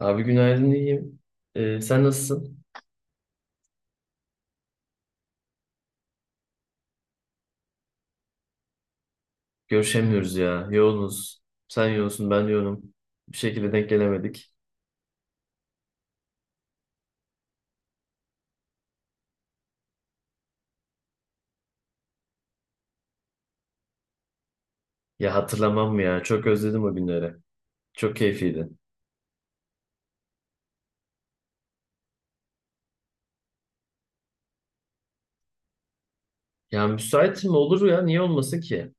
Abi günaydın iyiyim. Sen nasılsın? Görüşemiyoruz ya. Yoğunuz. Sen yoğunsun, ben yoğunum. Bir şekilde denk gelemedik. Ya hatırlamam mı ya? Çok özledim o günleri. Çok keyifliydi. Ya müsait mi? Olur ya. Niye olmasın ki?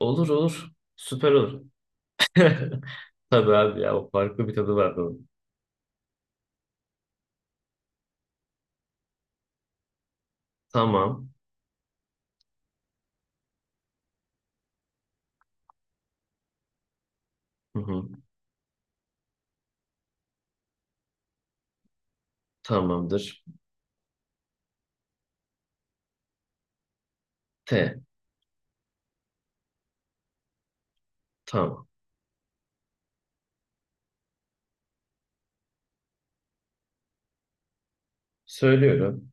Olur olur. Süper olur. Tabii abi ya. O farklı bir tadı vardı onun. Tamam. Hı hı. Tamamdır. T. Tamam. Söylüyorum.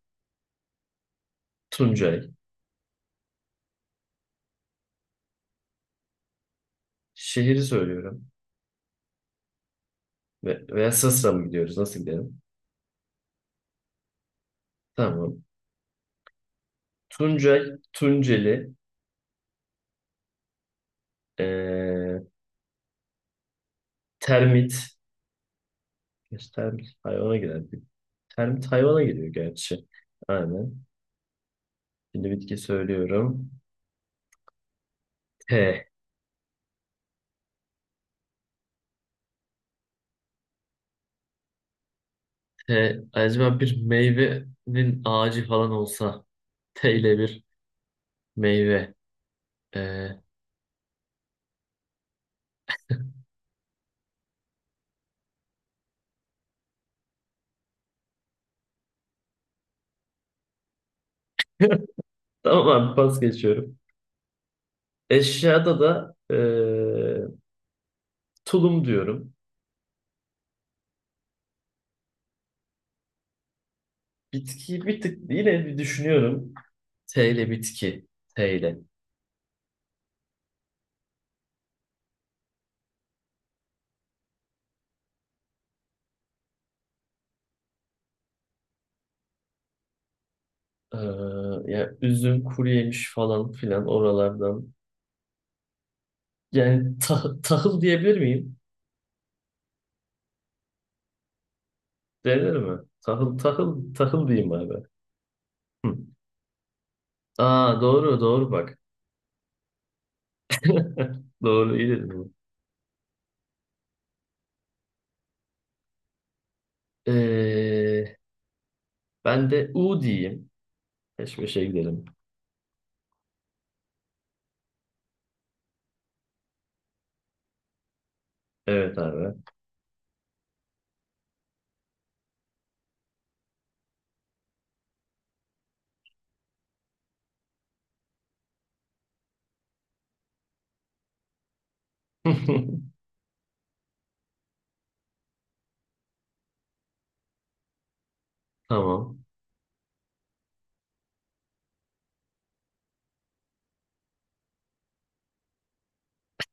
Tuncay. Şehri söylüyorum. Ve, veya Sısra mı gidiyoruz? Nasıl gidelim? Tamam. Tuncay, Tunceli, eee, termit. Gerçi termit hayvana girer. Termit hayvana giriyor gerçi. Aynen. Şimdi bitki söylüyorum. T. T. Acaba bir meyvenin ağacı falan olsa. T ile bir meyve. Eee, tamam abi pas geçiyorum. Eşyada da tulum diyorum. Bitki bir tık yine bir düşünüyorum. T ile bitki. T ile. Ee, ya üzüm, kuru yemiş falan filan oralardan. Yani tahıl diyebilir miyim? Denir mi? Tahıl, tahıl, tahıl diyeyim abi. Hı. Aa doğru, doğru bak. Doğru, iyi dedin. Bunu. Ee, Ben de U diyeyim. Peş peşe gidelim. Evet abi. Tamam.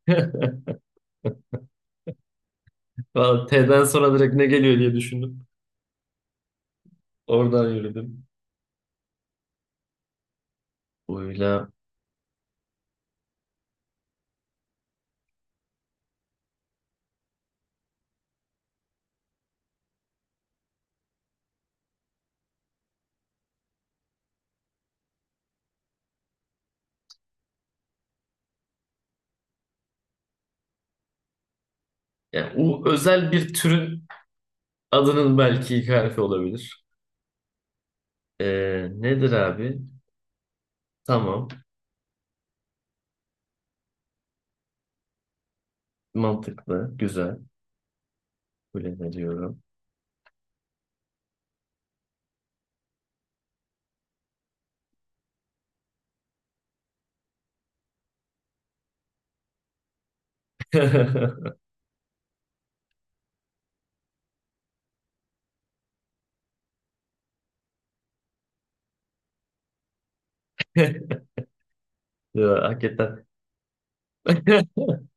Vallahi T'den sonra direkt ne geliyor diye düşündüm. Oradan yürüdüm. U'yla. Yani U özel bir türün adının belki ilk harfi olabilir. Nedir abi? Tamam. Mantıklı. Güzel. Kabul ediyorum. Ya, hakikaten.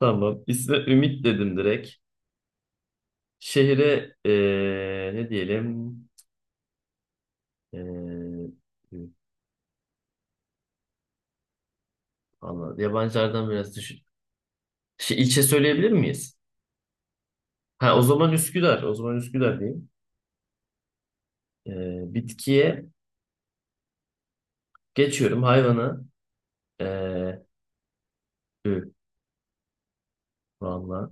Tamam. İsme Ümit dedim direkt. Şehre ne diyelim? Eee Allah, yabancılardan biraz düşün. Şey, ilçe söyleyebilir miyiz? Ha, o zaman Üsküdar. O zaman Üsküdar diyeyim. Bitkiye geçiyorum. Hayvana. Eee ü, valla.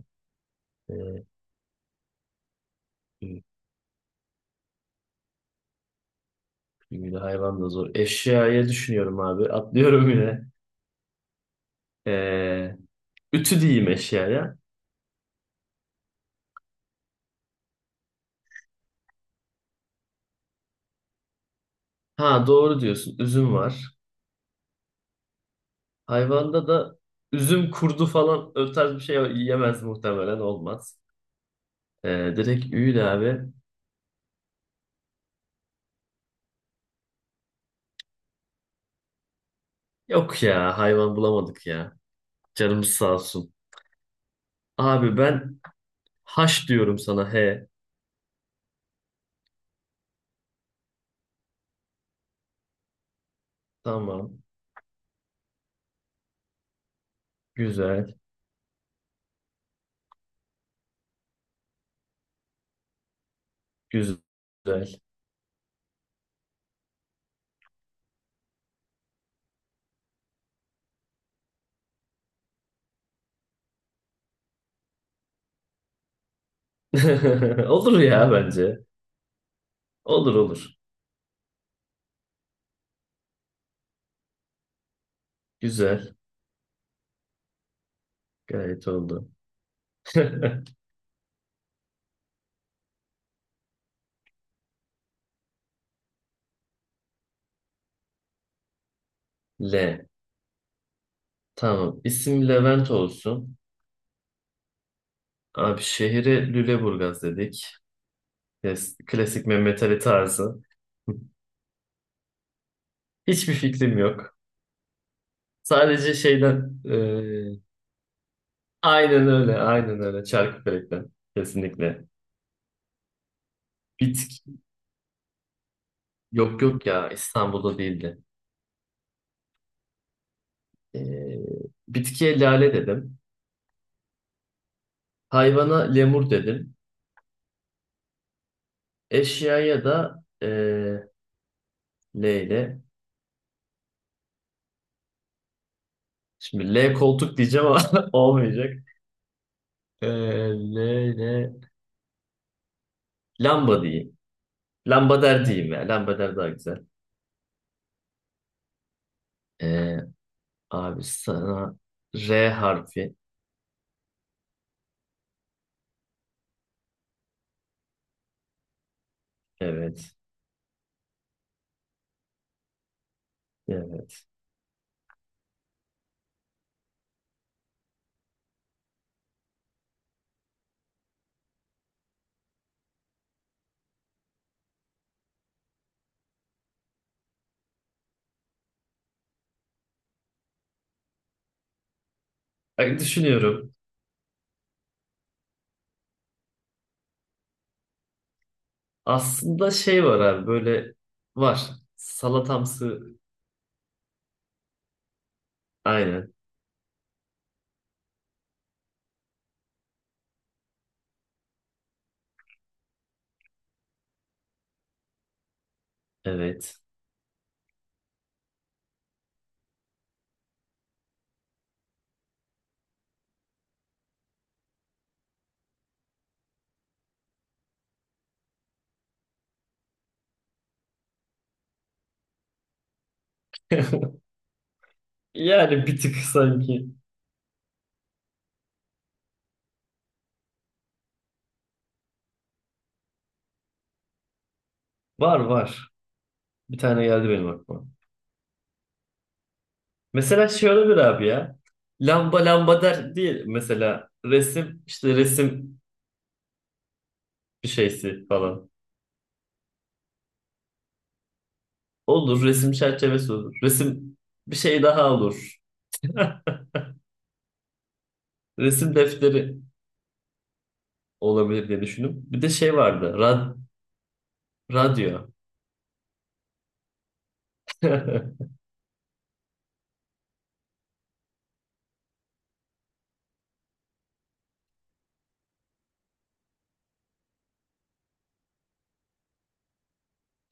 Eee, ü, ü, hayvan da zor. Eşyaya düşünüyorum abi. Atlıyorum yine. Eee, Ütü diyeyim eşyaya. Ha doğru diyorsun. Üzüm var. Hayvanda da üzüm kurdu falan o tarz bir şey yiyemez muhtemelen olmaz. Direkt üyle abi. Yok ya hayvan bulamadık ya. Canımız sağ olsun. Abi ben haş diyorum sana he. Tamam. Güzel. Güzel. Olur ya bence. Olur olur. Güzel. Gayet oldu. L. Tamam. İsim Levent olsun. Abi şehri Lüleburgaz dedik. Klasik Mehmet Ali tarzı. Hiçbir fikrim yok. Sadece şeyden aynen öyle aynen öyle Çarkıfelek'ten kesinlikle. Bitki yok yok ya İstanbul'da değildi. E, bitkiye lale dedim. Hayvana lemur dedim. Eşyaya da L ile. Şimdi L koltuk diyeceğim ama olmayacak. E, L ile lamba diyeyim. Lambader diyeyim ya. Lambader daha güzel. E, Abi sana R harfi. Evet. Evet. Bak düşünüyorum. Aslında şey var abi böyle var. Salatamsı. Aynen. Evet. Yani bir tık sanki. Var var. Bir tane geldi benim aklıma. Mesela şey olabilir abi ya. Lamba lamba der değil. Mesela resim işte resim bir şeysi falan. Olur resim çerçevesi olur. Resim bir şey daha olur. Resim defteri. Olabilir diye düşündüm. Bir de şey vardı. Radyo.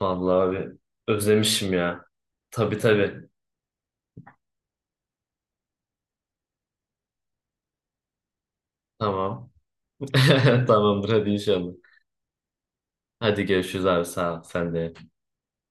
Vallahi abi özlemişim ya. Tabii tabii. Tamam. Tamamdır hadi inşallah. Hadi görüşürüz abi sağ ol. Sen de.